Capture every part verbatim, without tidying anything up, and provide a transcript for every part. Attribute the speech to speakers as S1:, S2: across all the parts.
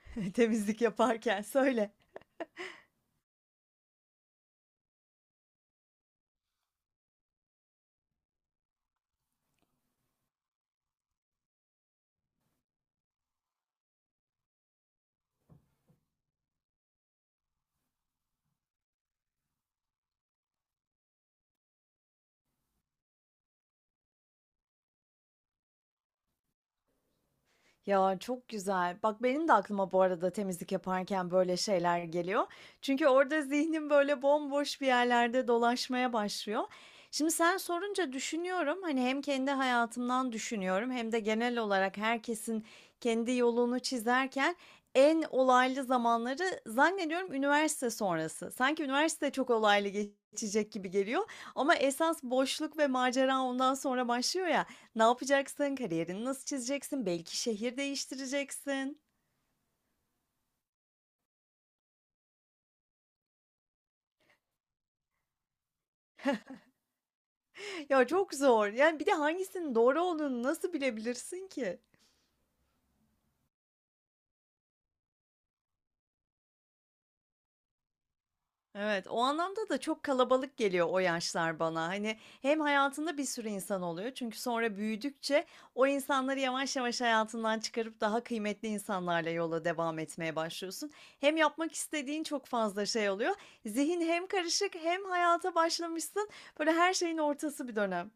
S1: Temizlik yaparken söyle. Ya çok güzel. Bak benim de aklıma bu arada temizlik yaparken böyle şeyler geliyor. Çünkü orada zihnim böyle bomboş bir yerlerde dolaşmaya başlıyor. Şimdi sen sorunca düşünüyorum. Hani hem kendi hayatımdan düşünüyorum hem de genel olarak herkesin kendi yolunu çizerken en olaylı zamanları zannediyorum üniversite sonrası. Sanki üniversite çok olaylı geçecek gibi geliyor ama esas boşluk ve macera ondan sonra başlıyor ya. Ne yapacaksın? Kariyerini nasıl çizeceksin? Belki şehir değiştireceksin. Ya çok zor. Yani bir de hangisinin doğru olduğunu nasıl bilebilirsin ki? Evet, o anlamda da çok kalabalık geliyor o yaşlar bana. Hani hem hayatında bir sürü insan oluyor çünkü sonra büyüdükçe o insanları yavaş yavaş hayatından çıkarıp daha kıymetli insanlarla yola devam etmeye başlıyorsun. Hem yapmak istediğin çok fazla şey oluyor. Zihin hem karışık hem hayata başlamışsın. Böyle her şeyin ortası bir dönem.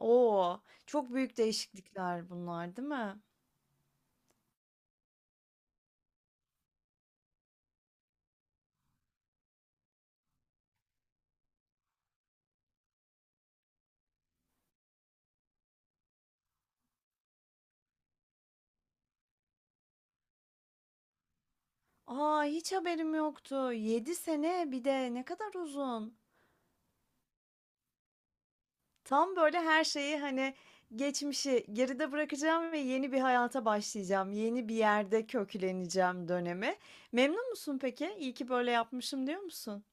S1: Oo, çok büyük değişiklikler bunlar, değil mi? Aa, hiç haberim yoktu. Yedi sene bir de ne kadar uzun. Tam böyle her şeyi hani geçmişi geride bırakacağım ve yeni bir hayata başlayacağım. Yeni bir yerde kökleneceğim dönemi. Memnun musun peki? İyi ki böyle yapmışım diyor musun?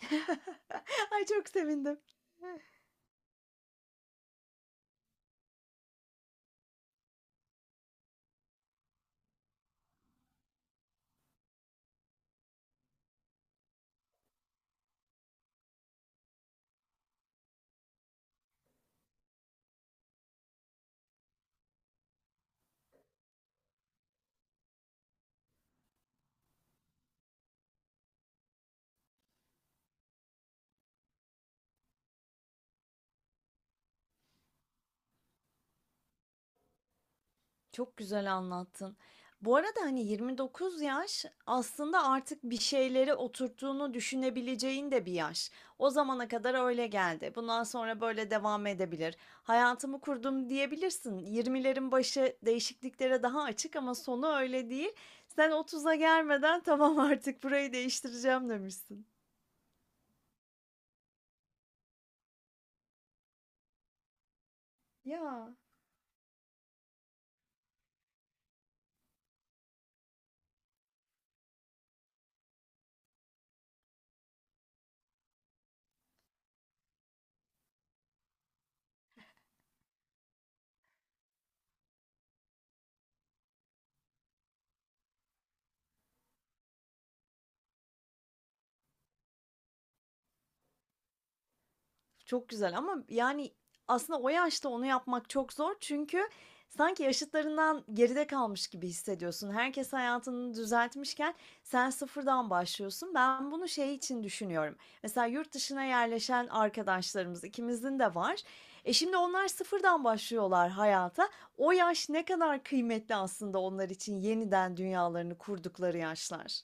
S1: Ay çok sevindim. Çok güzel anlattın. Bu arada, hani, yirmi dokuz yaş aslında artık bir şeyleri oturttuğunu düşünebileceğin de bir yaş. O zamana kadar öyle geldi. Bundan sonra böyle devam edebilir. Hayatımı kurdum diyebilirsin. Yirmilerin başı değişikliklere daha açık ama sonu öyle değil. Sen otuz'a gelmeden tamam artık burayı değiştireceğim demişsin. Ya. Çok güzel ama yani aslında o yaşta onu yapmak çok zor. Çünkü sanki yaşıtlarından geride kalmış gibi hissediyorsun. Herkes hayatını düzeltmişken sen sıfırdan başlıyorsun. Ben bunu şey için düşünüyorum. Mesela yurt dışına yerleşen arkadaşlarımız ikimizin de var. E şimdi onlar sıfırdan başlıyorlar hayata. O yaş ne kadar kıymetli aslında onlar için yeniden dünyalarını kurdukları yaşlar.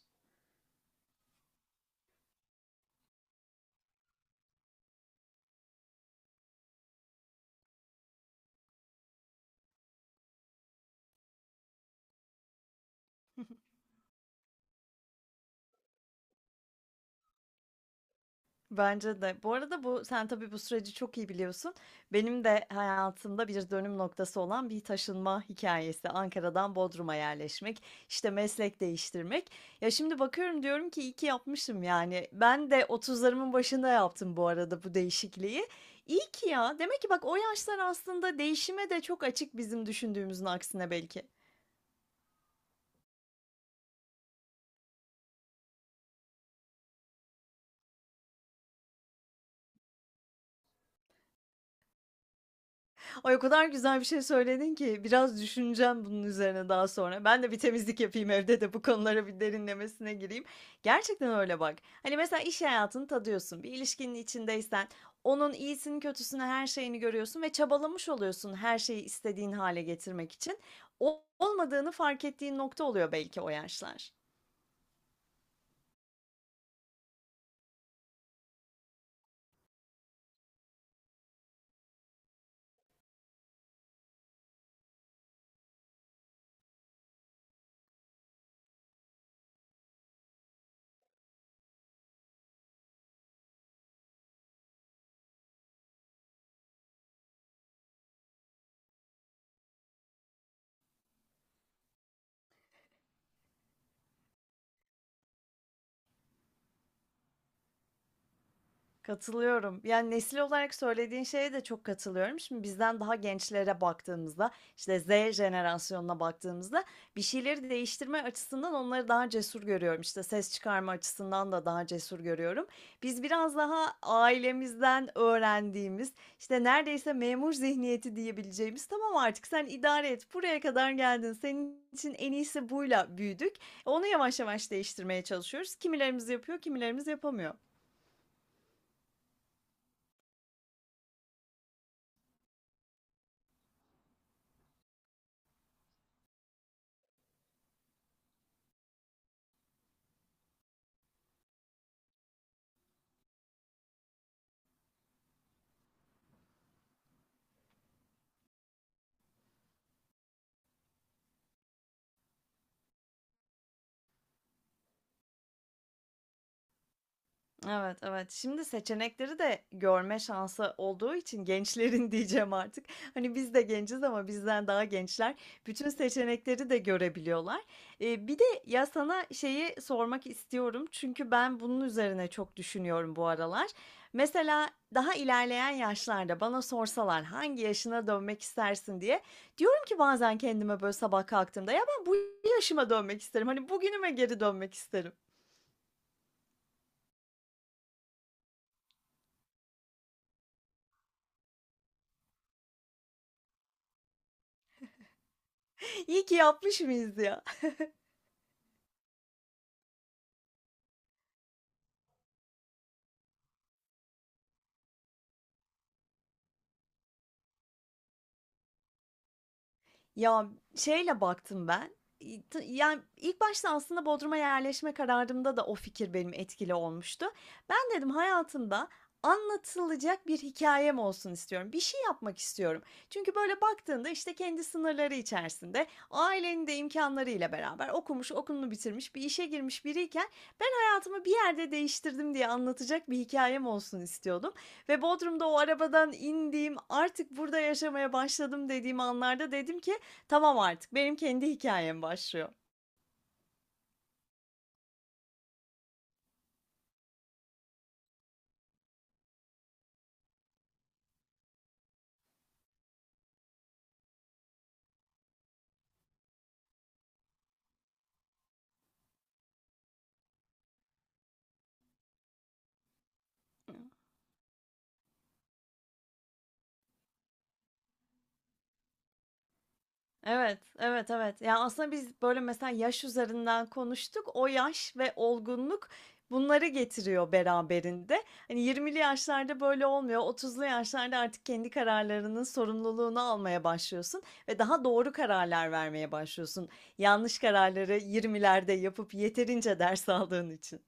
S1: Bence de. Bu arada bu sen tabii bu süreci çok iyi biliyorsun. Benim de hayatımda bir dönüm noktası olan bir taşınma hikayesi. Ankara'dan Bodrum'a yerleşmek, işte meslek değiştirmek. Ya şimdi bakıyorum diyorum ki iyi ki yapmışım yani. Ben de otuzlarımın başında yaptım bu arada bu değişikliği. İyi ki ya. Demek ki bak o yaşlar aslında değişime de çok açık bizim düşündüğümüzün aksine belki. Ay, o kadar güzel bir şey söyledin ki biraz düşüneceğim bunun üzerine daha sonra. Ben de bir temizlik yapayım evde de bu konulara bir derinlemesine gireyim. Gerçekten öyle bak. Hani mesela iş hayatını tadıyorsun. Bir ilişkinin içindeysen onun iyisini, kötüsünü, her şeyini görüyorsun ve çabalamış oluyorsun her şeyi istediğin hale getirmek için. O- Olmadığını fark ettiğin nokta oluyor belki o yaşlar. Katılıyorum. Yani nesil olarak söylediğin şeye de çok katılıyorum. Şimdi bizden daha gençlere baktığımızda, işte Z jenerasyonuna baktığımızda bir şeyleri değiştirme açısından onları daha cesur görüyorum. İşte ses çıkarma açısından da daha cesur görüyorum. Biz biraz daha ailemizden öğrendiğimiz, işte neredeyse memur zihniyeti diyebileceğimiz, tamam artık sen idare et, buraya kadar geldin, senin için en iyisi buyla büyüdük. Onu yavaş yavaş değiştirmeye çalışıyoruz. Kimilerimiz yapıyor, kimilerimiz yapamıyor. Evet, evet. Şimdi seçenekleri de görme şansı olduğu için gençlerin diyeceğim artık. Hani biz de genciz ama bizden daha gençler bütün seçenekleri de görebiliyorlar. Eee, bir de ya sana şeyi sormak istiyorum çünkü ben bunun üzerine çok düşünüyorum bu aralar. Mesela daha ilerleyen yaşlarda bana sorsalar hangi yaşına dönmek istersin diye diyorum ki bazen kendime böyle sabah kalktığımda ya ben bu yaşıma dönmek isterim. Hani bugünüme geri dönmek isterim. İyi ki yapmış mıyız ya? Ya, şeyle baktım ben, iii, tı yani, ilk başta aslında Bodrum'a yerleşme kararımda da o fikir benim etkili olmuştu. Ben dedim hayatımda anlatılacak bir hikâyem olsun istiyorum. Bir şey yapmak istiyorum. Çünkü böyle baktığında, işte, kendi sınırları içerisinde, ailenin de imkânlarıyla beraber okumuş, okulunu bitirmiş, bir işe girmiş biriyken ben hayatımı bir yerde değiştirdim diye anlatacak bir hikâyem olsun istiyordum ve Bodrum'da o arabadan indiğim, artık burada yaşamaya başladım dediğim anlarda dedim ki tamam artık benim kendi hikayem başlıyor. Evet, evet, evet. Ya, aslında biz böyle mesela yaş üzerinden konuştuk. O yaş ve olgunluk bunları getiriyor beraberinde. Hani yirmili yaşlarda böyle olmuyor. otuzlu yaşlarda artık kendi kararlarının sorumluluğunu almaya başlıyorsun ve daha doğru kararlar vermeye başlıyorsun. Yanlış kararları yirmilerde yapıp yeterince ders aldığın için.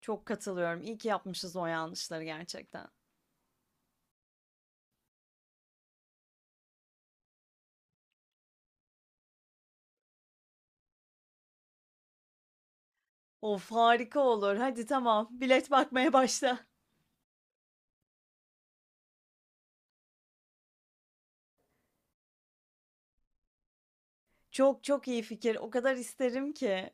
S1: Çok katılıyorum. İyi ki yapmışız o yanlışları gerçekten. Of, harika olur. Hadi tamam, bilet bakmaya başla. Çok çok iyi fikir. O kadar isterim ki.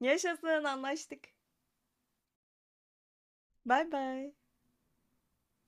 S1: Yaşasın, anlaştık. Bay bay.